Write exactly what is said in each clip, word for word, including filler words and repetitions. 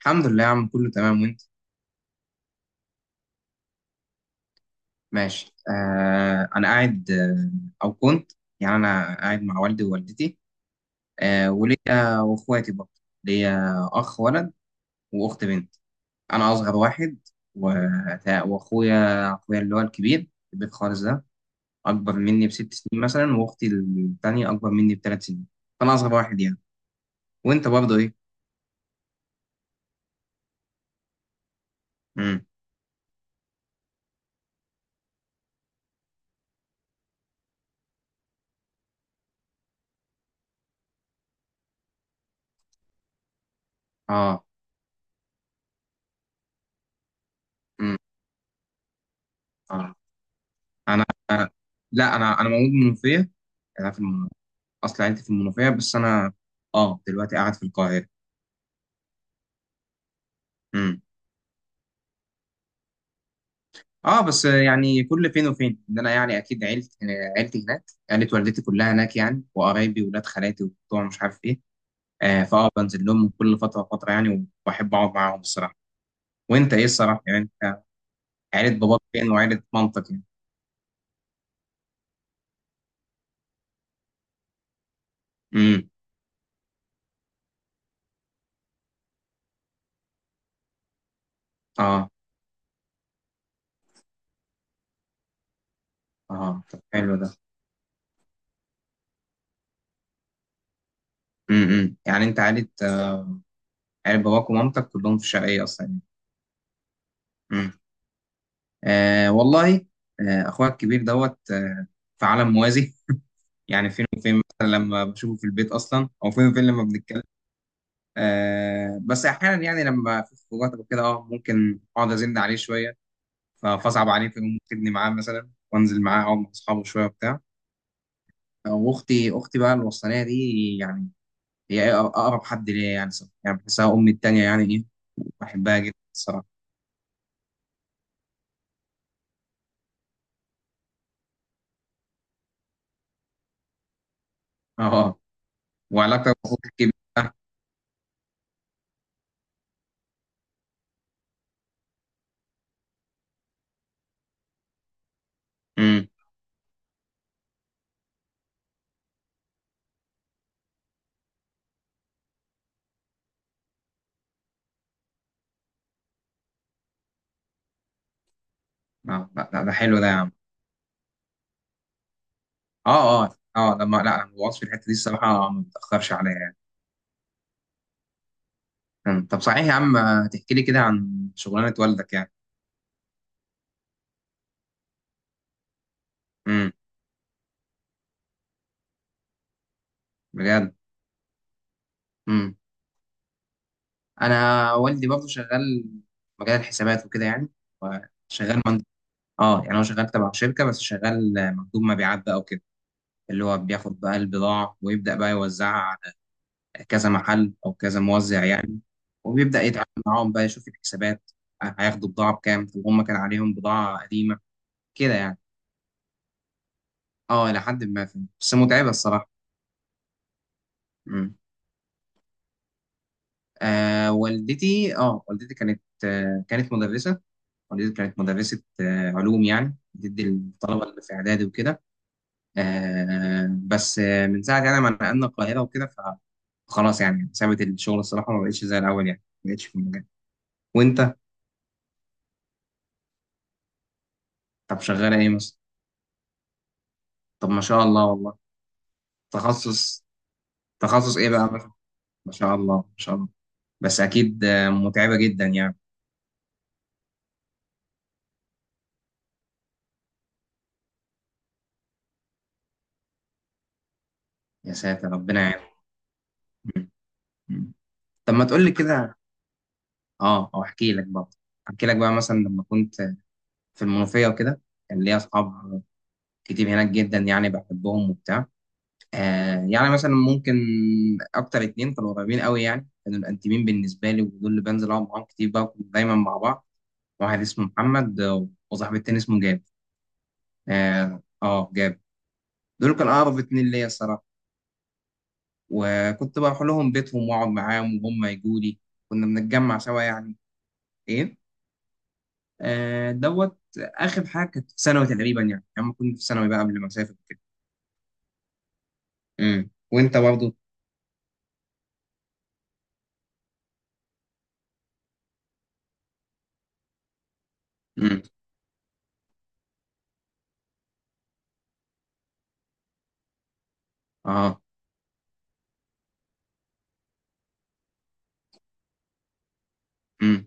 الحمد لله يا عم، كله تمام. وانت؟ ماشي. آه انا قاعد آه او كنت. يعني انا قاعد مع والدي ووالدتي. آه وليا واخواتي برضه. ليا اخ ولد، واخت بنت. انا اصغر واحد. و- واخويا اخويا اللي هو الكبير، البيت خالص ده، اكبر مني بست سنين مثلا، واختي الثانيه اكبر مني بثلاث سنين. فانا اصغر واحد يعني. وانت برضه ايه؟ امم اه امم اه انا آه. لا، انا انا مولود منوفيه. انا في المنوفيه. اصل عيلتي في المنوفيه، بس انا اه دلوقتي قاعد في القاهره. امم اه بس يعني كل فين وفين ان انا يعني اكيد عيلتي عيلتي هناك. عيله والدتي كلها هناك يعني، وقرايبي وولاد خالاتي وبتوع مش عارف ايه. آه فاه بنزل لهم كل فتره وفتره يعني، وبحب اقعد معاهم الصراحه. وانت ايه الصراحه يعني؟ انت عيله باباك فين وعيله مامتك يعني؟ امم اه، اه، طب حلو ده. امم يعني انت عيله عيله باباك ومامتك كلهم في الشرقيه اصلا يعني؟ امم. آه والله، آه اخويا الكبير دوت آه في عالم موازي. يعني فين وفين مثلا لما بشوفه في البيت اصلا، او فين وفين لما بنتكلم. آه بس احيانا يعني لما في خروجات او كده، اه ممكن اقعد ازن عليه شويه. ف- فاصعب عليه، فيقوم واخدني معاه مثلا، وانزل معاه اقعد مع اصحابه شويه وبتاع. واختي اختي بقى الوسطانيه دي، يعني هي أق- اقرب حد ليا يعني صراحة. يعني بحسها امي التانيه يعني ايه، بحبها جدا الصراحه. اه. وعلاقتك باخوك الكبير؟ امم. لا لا لا، ده حلو ده يا عم. اه اه اه، لما لا، الوصف في الحته دي الصراحه، ما بتاخرش عليا يعني. أمم. طب صحيح يا عم، آه، تحكي لي كده عن شغلانة والدك يعني؟ امم. بجد؟ امم. انا والدي برضه شغال مجال الحسابات وكده يعني. وشغال مند... اه يعني هو شغال تبع شركة، بس شغال آه، مندوب مبيعات بقى وكده، اللي هو بياخد بقى البضاعة ويبدأ بقى يوزعها على كذا محل او كذا موزع يعني. وبيبدأ يتعامل معاهم بقى، يشوف الحسابات، آه، هياخدوا بضاعة بكام، طب هم كان عليهم بضاعة قديمة كده يعني. اه، إلى حد ما فهمت. بس متعبة الصراحة. مم. آه والدتي اه والدتي كانت آه كانت مدرسة. والدتي كانت مدرسة آه علوم، يعني بتدي الطلبة اللي في إعدادي وكده. آه بس آه من ساعة يعني ما نقلنا القاهرة وكده، فخلاص يعني سابت الشغل الصراحة، ما بقتش زي الأول يعني، ما بقتش في المجال. وأنت؟ طب شغالة إيه مثلا؟ طب ما شاء الله والله. تخصص. تخصص إيه بقى مثلا؟ ما شاء الله، ما شاء الله. بس أكيد آه متعبة جدا يعني. يا ساتر، ربنا يعين. م- م. طب ما تقول لي كده، اه. او احكي لك بقى احكي لك بقى مثلا لما كنت في المنوفيه وكده، كان ليا اصحاب كتير هناك جدا يعني، بحبهم وبتاع. آه يعني مثلا ممكن اكتر اتنين كانوا قريبين قوي يعني، كانوا الانتيمين بالنسبه لي، ودول اللي بنزل اقعد معاهم كتير بقى، كنا دايما مع بعض. واحد اسمه محمد، آه، وصاحبي التاني اسمه جاب. اه. آه، جاب. دول كانوا اقرب اتنين ليا الصراحه. وكنت بروح لهم بيتهم واقعد معاهم، وهم يجوا لي، كنا بنتجمع سوا يعني. ايه؟ آه، دوت اخر حاجه كانت في ثانوي تقريبا يعني، لما كنت في ثانوي بقى قبل ما اسافر كده. امم وانت برضه؟ امم، اه، امم،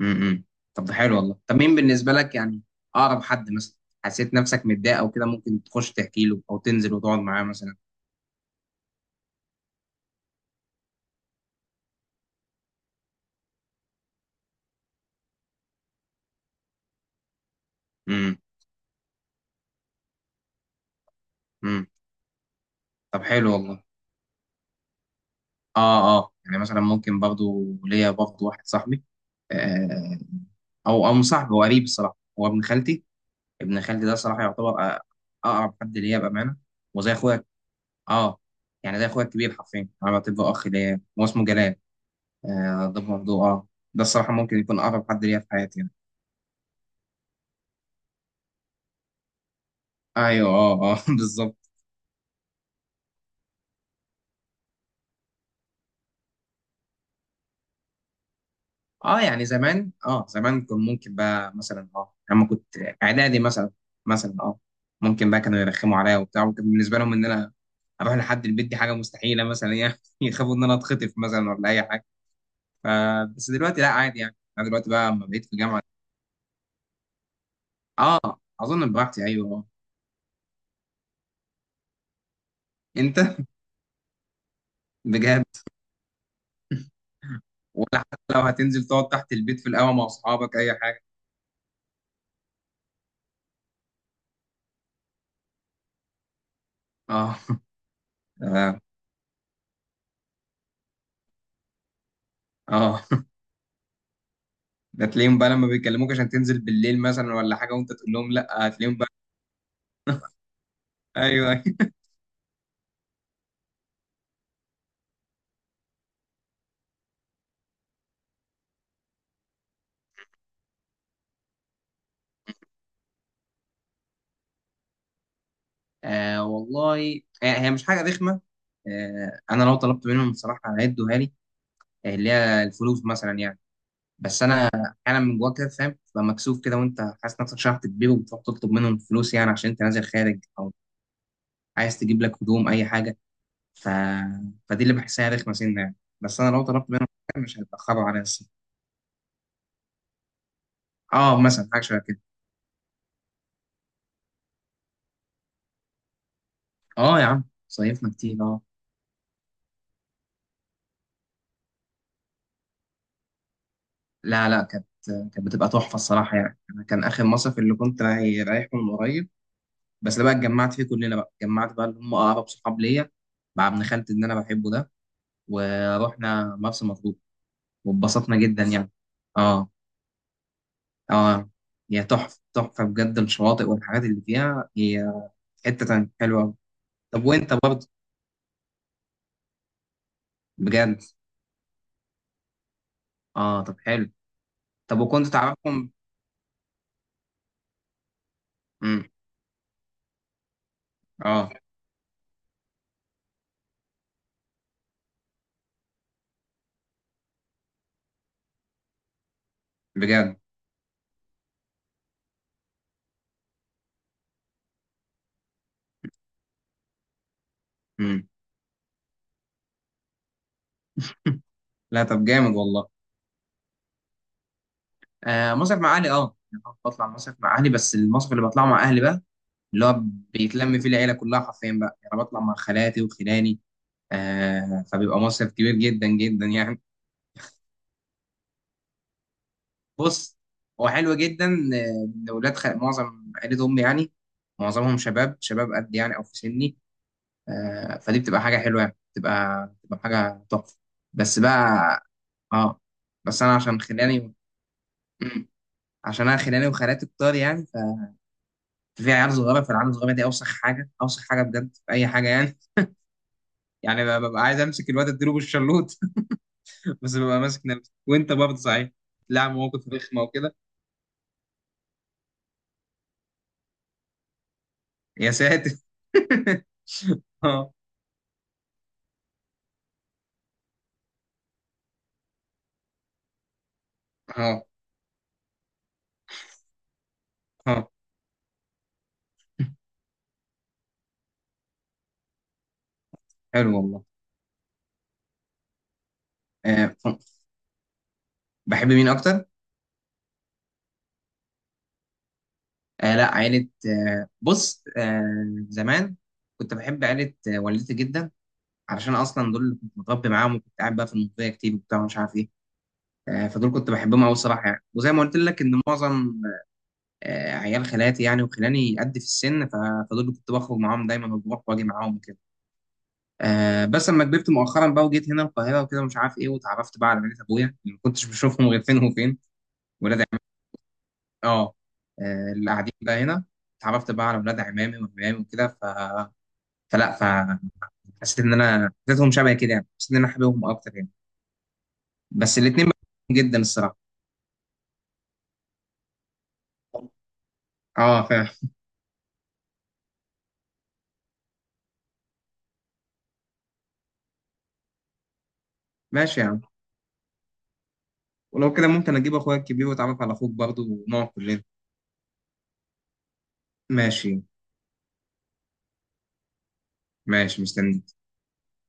امم. طب ده حلو والله. طب مين بالنسبه لك يعني اقرب حد مثلا، حسيت نفسك متضايق او كده ممكن تخش تحكي له، او تنزل وتقعد معاه مثلا؟ امم، امم. طب حلو والله. اه اه، يعني مثلا ممكن برضه ليا برضه واحد صاحبي، آه او او مش صاحبي، هو قريب الصراحه، هو ابن خالتي. ابن خالتي ده صراحه يعتبر، أ- اقرب حد ليا بامانه. وزي اخويا. اه يعني ده اخويا الكبير حرفيا، انا بعتبره اخ ليا، هو اسمه جلال. آه ده برضه اه ده الصراحه ممكن يكون اقرب حد ليا في حياتي يعني. ايوه، اه اه، بالظبط. اه يعني زمان اه زمان كان ممكن بقى مثلا، اه لما كنت اعدادي مثلا، مثلا اه ممكن بقى كانوا يرخموا عليا وبتاع. وكان بالنسبه لهم ان انا اروح لحد البيت دي حاجه مستحيله مثلا يعني، يخافوا ان انا اتخطف مثلا ولا اي حاجه. ف بس دلوقتي لا، عادي يعني. انا دلوقتي بقى لما بقيت في الجامعه، اه اظن براحتي، ايوه آه. انت؟ بجد؟ ولا حتى لو هتنزل تقعد تحت البيت في القهوة مع أصحابك أي حاجة؟ اه اه اه. ده تلاقيهم بقى لما بيكلموك عشان تنزل بالليل مثلا ولا حاجة، وأنت تقول لهم لأ، هتلاقيهم بقى؟ أيوه، أيوه. آه والله، آه هي مش حاجة رخمة. آه أنا لو طلبت منهم بصراحة هيدوها لي، آه، اللي هي الفلوس مثلا يعني. بس أنا أحيانا من جواك كده فاهم، تبقى مكسوف كده وأنت حاسس نفسك شحت تبيه، وبتروح تطلب منهم فلوس يعني عشان أنت نازل خارج، أو عايز تجيب لك هدوم أي حاجة. ف... فدي اللي بحسها رخمه سنه يعني. بس انا لو طلبت منهم حاجة مش هيتاخروا عليا الصراحه. اه، مثلا حاجه شبه كده. اه يا عم، صيفنا كتير اه لا لا، كانت كانت بتبقى تحفه الصراحه يعني. انا كان اخر مصيف اللي كنت راي- رايحه من قريب، بس ده بقى اتجمعت فيه كلنا بقى، اتجمعت بقى اللي هم اقرب صحاب ليا مع ابن خالتي اللي انا بحبه ده، ورحنا مرسى مطروح، واتبسطنا جدا يعني. اه اه، هي تحفه تحفه بجد، الشواطئ والحاجات اللي فيها، هي حته تانية حلوه أوي. طب وانت برضه؟ بجد. اه، طب حلو. طب وكنت تعرفهم؟ امم. اه. بجد. امم. لا طب جامد والله. آه مصيف مع اهلي، اه يعني أنا بطلع مصيف مع اهلي، بس المصيف اللي بطلعه مع اهلي بقى اللي هو بيتلم فيه العيله كلها حرفيا بقى يعني، بطلع مع خالاتي وخلاني. آه فبيبقى مصيف كبير جدا جدا يعني. بص، هو حلو جدا، آه، ان ولاد خال... معظم عيله امي يعني، معظمهم شباب شباب قد يعني او في سني، آه، فدي بتبقى حاجة حلوة يعني، بتبقى بتبقى حاجة تحفة. بس بقى، اه. بس انا عشان خلاني، مم. عشان انا خلاني وخالاتي كتار يعني، ف- ففي عيال صغيرة، فالعيال الصغيرة دي اوسخ حاجة اوسخ حاجة بجد في اي حاجة يعني. يعني ب- ببقى عايز امسك الواد اديله بالشلوط. بس ببقى ماسك نفسي. وانت برضه، صحيح؟ لا، مواقف رخمة وكده. يا ساتر. اه اه اه، حلو والله. آه، بحب مين اكتر؟ آه لا، عيلة، آه بص، آه زمان كنت بحب عيلة آه والدتي جدا، علشان أصلا دول اللي كنت متربي معاهم، وكنت قاعد بقى في المنوفية كتير وبتاع ومش عارف إيه. آه فدول كنت بحبهم أوي الصراحة يعني، وزي ما قلت لك إن معظم آه عيال خالاتي يعني وخلاني قد في السن، ف- فدول اللي كنت بخرج معاهم دايما وبروح وأجي معاهم وكده. آه بس لما كبرت مؤخرا بقى، وجيت هنا القاهرة وكده ومش عارف إيه، واتعرفت بقى على عيلة أبويا اللي ما كنتش بشوفهم غير فين وفين، ولاد عم- آه. آه، اللي قاعدين بقى هنا، اتعرفت بقى على ولاد عمامي وعمامي وكده. ف فلا فحسيت ان انا، حسيتهم شبه كده يعني، حسيت ان انا حاببهم اكتر يعني. بس الاثنين جدا الصراحه. اه، فاهم. ماشي يا عم. ولو كده ممكن اجيب اخويا الكبير واتعرف على اخوك برضه ونقعد كلنا. ماشي. ماشي، مستني.